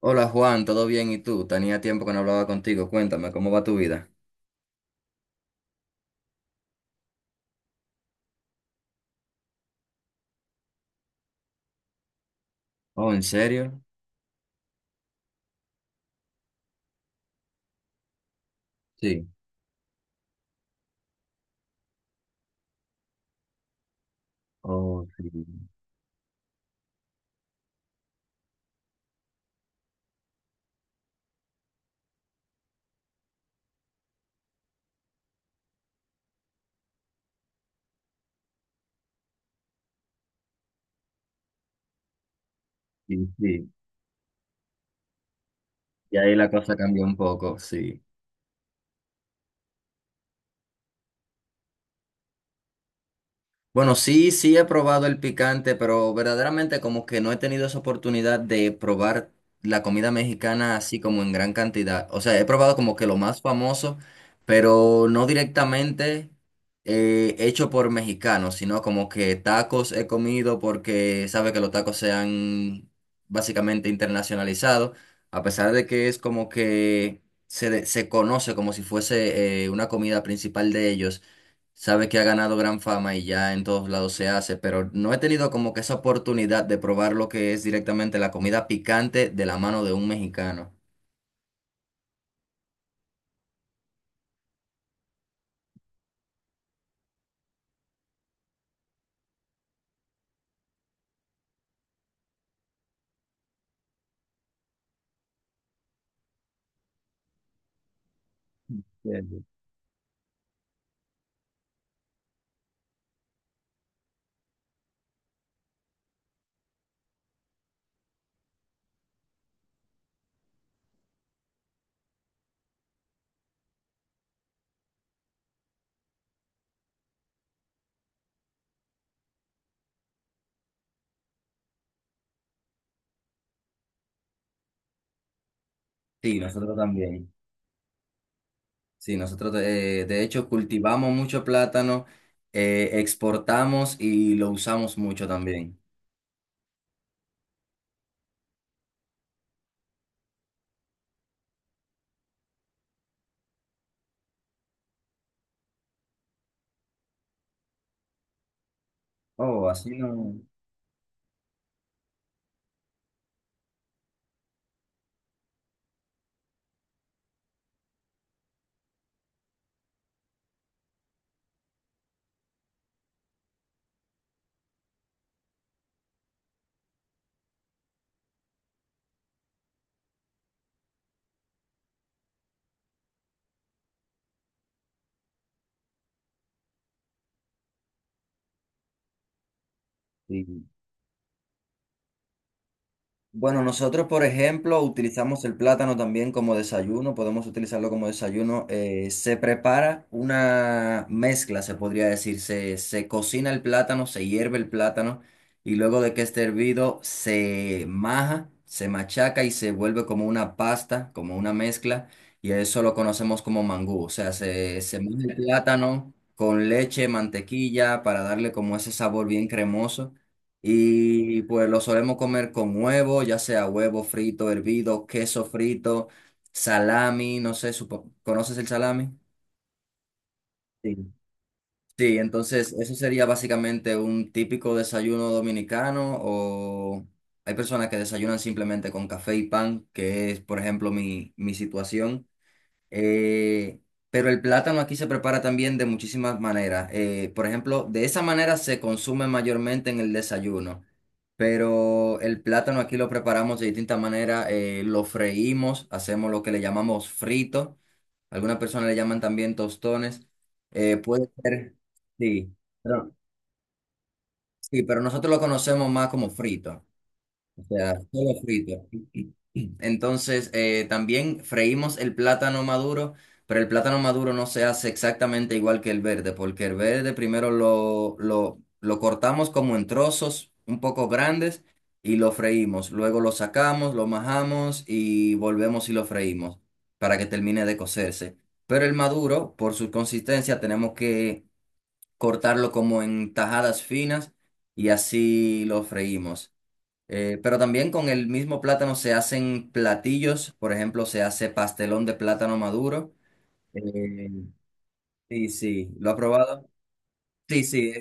Hola Juan, ¿todo bien? ¿Y tú? Tenía tiempo que no hablaba contigo. Cuéntame, ¿cómo va tu vida? Oh, ¿en serio? Sí. Oh, sí. Sí, sí. Y ahí la cosa cambió un poco, sí. Bueno, sí, sí he probado el picante, pero verdaderamente como que no he tenido esa oportunidad de probar la comida mexicana así como en gran cantidad. O sea, he probado como que lo más famoso, pero no directamente hecho por mexicanos, sino como que tacos he comido porque sabe que los tacos se han básicamente internacionalizado, a pesar de que es como que se conoce como si fuese una comida principal de ellos. Sabe que ha ganado gran fama y ya en todos lados se hace, pero no he tenido como que esa oportunidad de probar lo que es directamente la comida picante de la mano de un mexicano. Cierto. Sí, nosotros también. Sí, nosotros de hecho cultivamos mucho plátano, exportamos y lo usamos mucho también. Oh, así no. Sí. Bueno, nosotros, por ejemplo, utilizamos el plátano también como desayuno, podemos utilizarlo como desayuno. Se prepara una mezcla, se podría decir. Se cocina el plátano, se hierve el plátano y luego de que esté hervido se maja, se machaca y se vuelve como una pasta, como una mezcla. Y a eso lo conocemos como mangú. O sea, se maja el plátano con leche, mantequilla para darle como ese sabor bien cremoso. Y pues lo solemos comer con huevo, ya sea huevo frito, hervido, queso frito, salami, no sé, ¿conoces el salami? Sí. Sí, entonces eso sería básicamente un típico desayuno dominicano o hay personas que desayunan simplemente con café y pan, que es, por ejemplo, mi situación. Eh, pero el plátano aquí se prepara también de muchísimas maneras. Por ejemplo, de esa manera se consume mayormente en el desayuno. Pero el plátano aquí lo preparamos de distinta manera. Lo freímos, hacemos lo que le llamamos frito. Algunas personas le llaman también tostones. eh, puede ser, sí, pero, sí, pero nosotros lo conocemos más como frito. O sea, solo frito. Entonces, también freímos el plátano maduro, pero el plátano maduro no se hace exactamente igual que el verde, porque el verde primero lo cortamos como en trozos un poco grandes y lo freímos. Luego lo sacamos, lo majamos y volvemos y lo freímos para que termine de cocerse. Pero el maduro, por su consistencia, tenemos que cortarlo como en tajadas finas y así lo freímos. Pero también con el mismo plátano se hacen platillos, por ejemplo, se hace pastelón de plátano maduro. Eh, sí, sí, ¿lo ha probado? Sí, sí,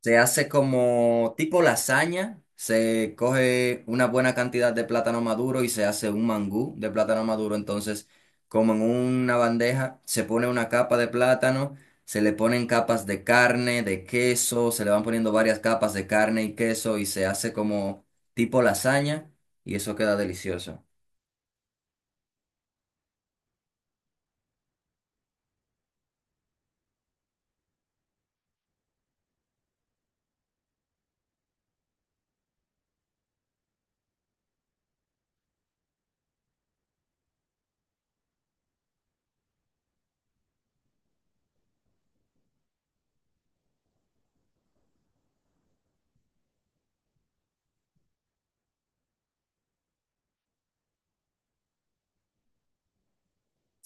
se hace como tipo lasaña, se coge una buena cantidad de plátano maduro y se hace un mangú de plátano maduro. Entonces, como en una bandeja, se pone una capa de plátano, se le ponen capas de carne, de queso, se le van poniendo varias capas de carne y queso y se hace como tipo lasaña y eso queda delicioso.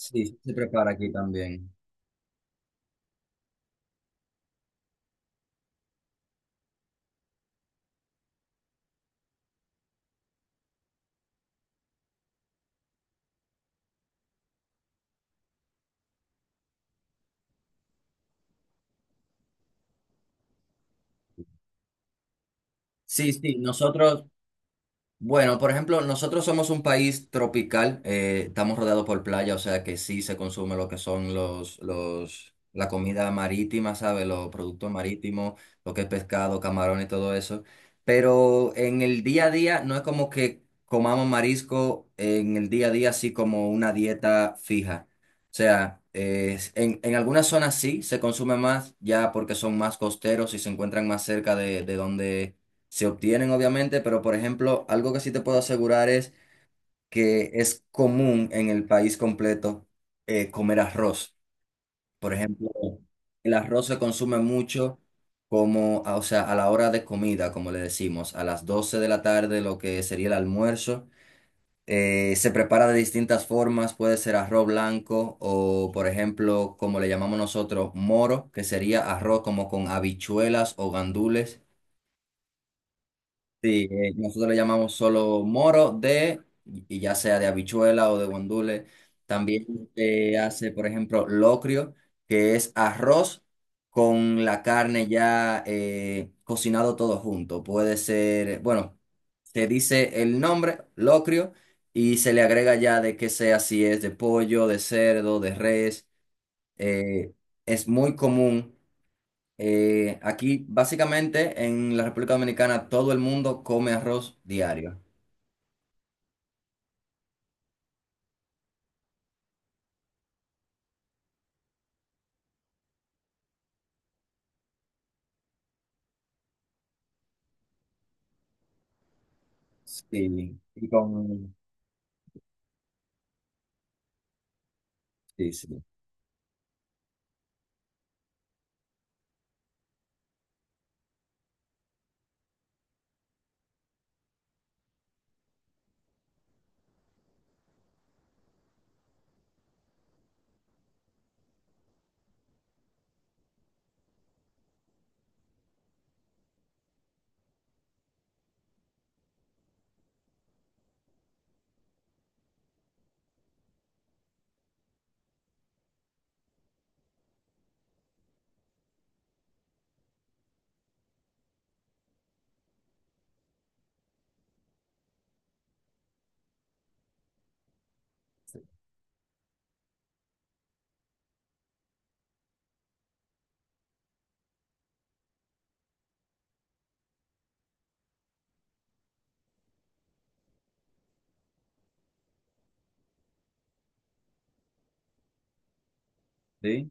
Sí, se prepara aquí también. Sí, sí, nosotros, bueno, por ejemplo, nosotros somos un país tropical, estamos rodeados por playa, o sea que sí se consume lo que son la comida marítima, ¿sabes? Los productos marítimos, lo que es pescado, camarón y todo eso. Pero en el día a día no es como que comamos marisco en el día a día así como una dieta fija. O sea, en algunas zonas sí se consume más, ya porque son más costeros y se encuentran más cerca de donde se obtienen obviamente, pero por ejemplo, algo que sí te puedo asegurar es que es común en el país completo comer arroz. Por ejemplo, el arroz se consume mucho como, o sea, a la hora de comida, como le decimos, a las 12 de la tarde, lo que sería el almuerzo. Se prepara de distintas formas, puede ser arroz blanco o, por ejemplo, como le llamamos nosotros, moro, que sería arroz como con habichuelas o gandules. Sí, nosotros le llamamos solo moro de, y ya sea de habichuela o de guandule. También se hace, por ejemplo, locrio, que es arroz con la carne ya cocinado todo junto. Puede ser, bueno, se dice el nombre, locrio, y se le agrega ya de que sea si es de pollo, de cerdo, de res. eh, es muy común. Aquí, básicamente, en la República Dominicana, todo el mundo come arroz diario. Sí, y con... Sí, sí. ¿Sí?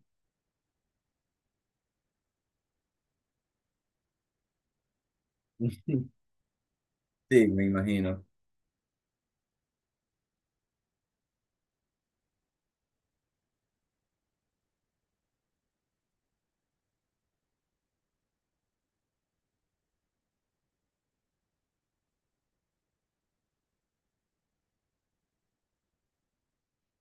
Sí, me imagino.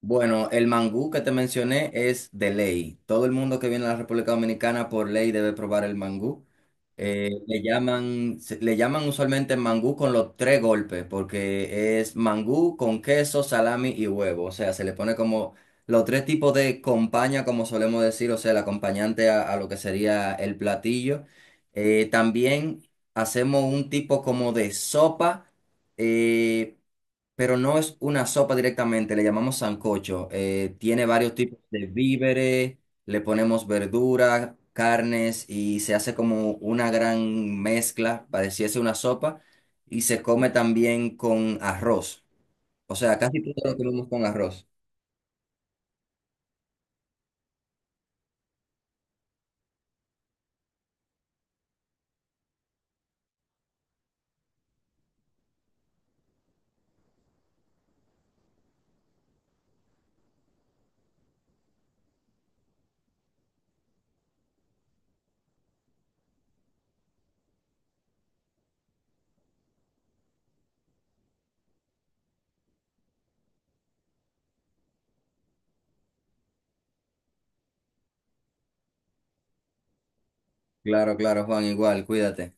Bueno, el mangú que te mencioné es de ley. Todo el mundo que viene a la República Dominicana por ley debe probar el mangú. Le llaman usualmente mangú con los tres golpes, porque es mangú con queso, salami y huevo. O sea, se le pone como los tres tipos de compañía, como solemos decir, o sea, el acompañante a lo que sería el platillo. También hacemos un tipo como de sopa. eh, pero no es una sopa directamente, le llamamos sancocho. Tiene varios tipos de víveres, le ponemos verduras carnes y se hace como una gran mezcla, pareciese una sopa, y se come también con arroz. O sea, casi todo lo comemos con arroz. Claro, claro, Juan, igual, cuídate.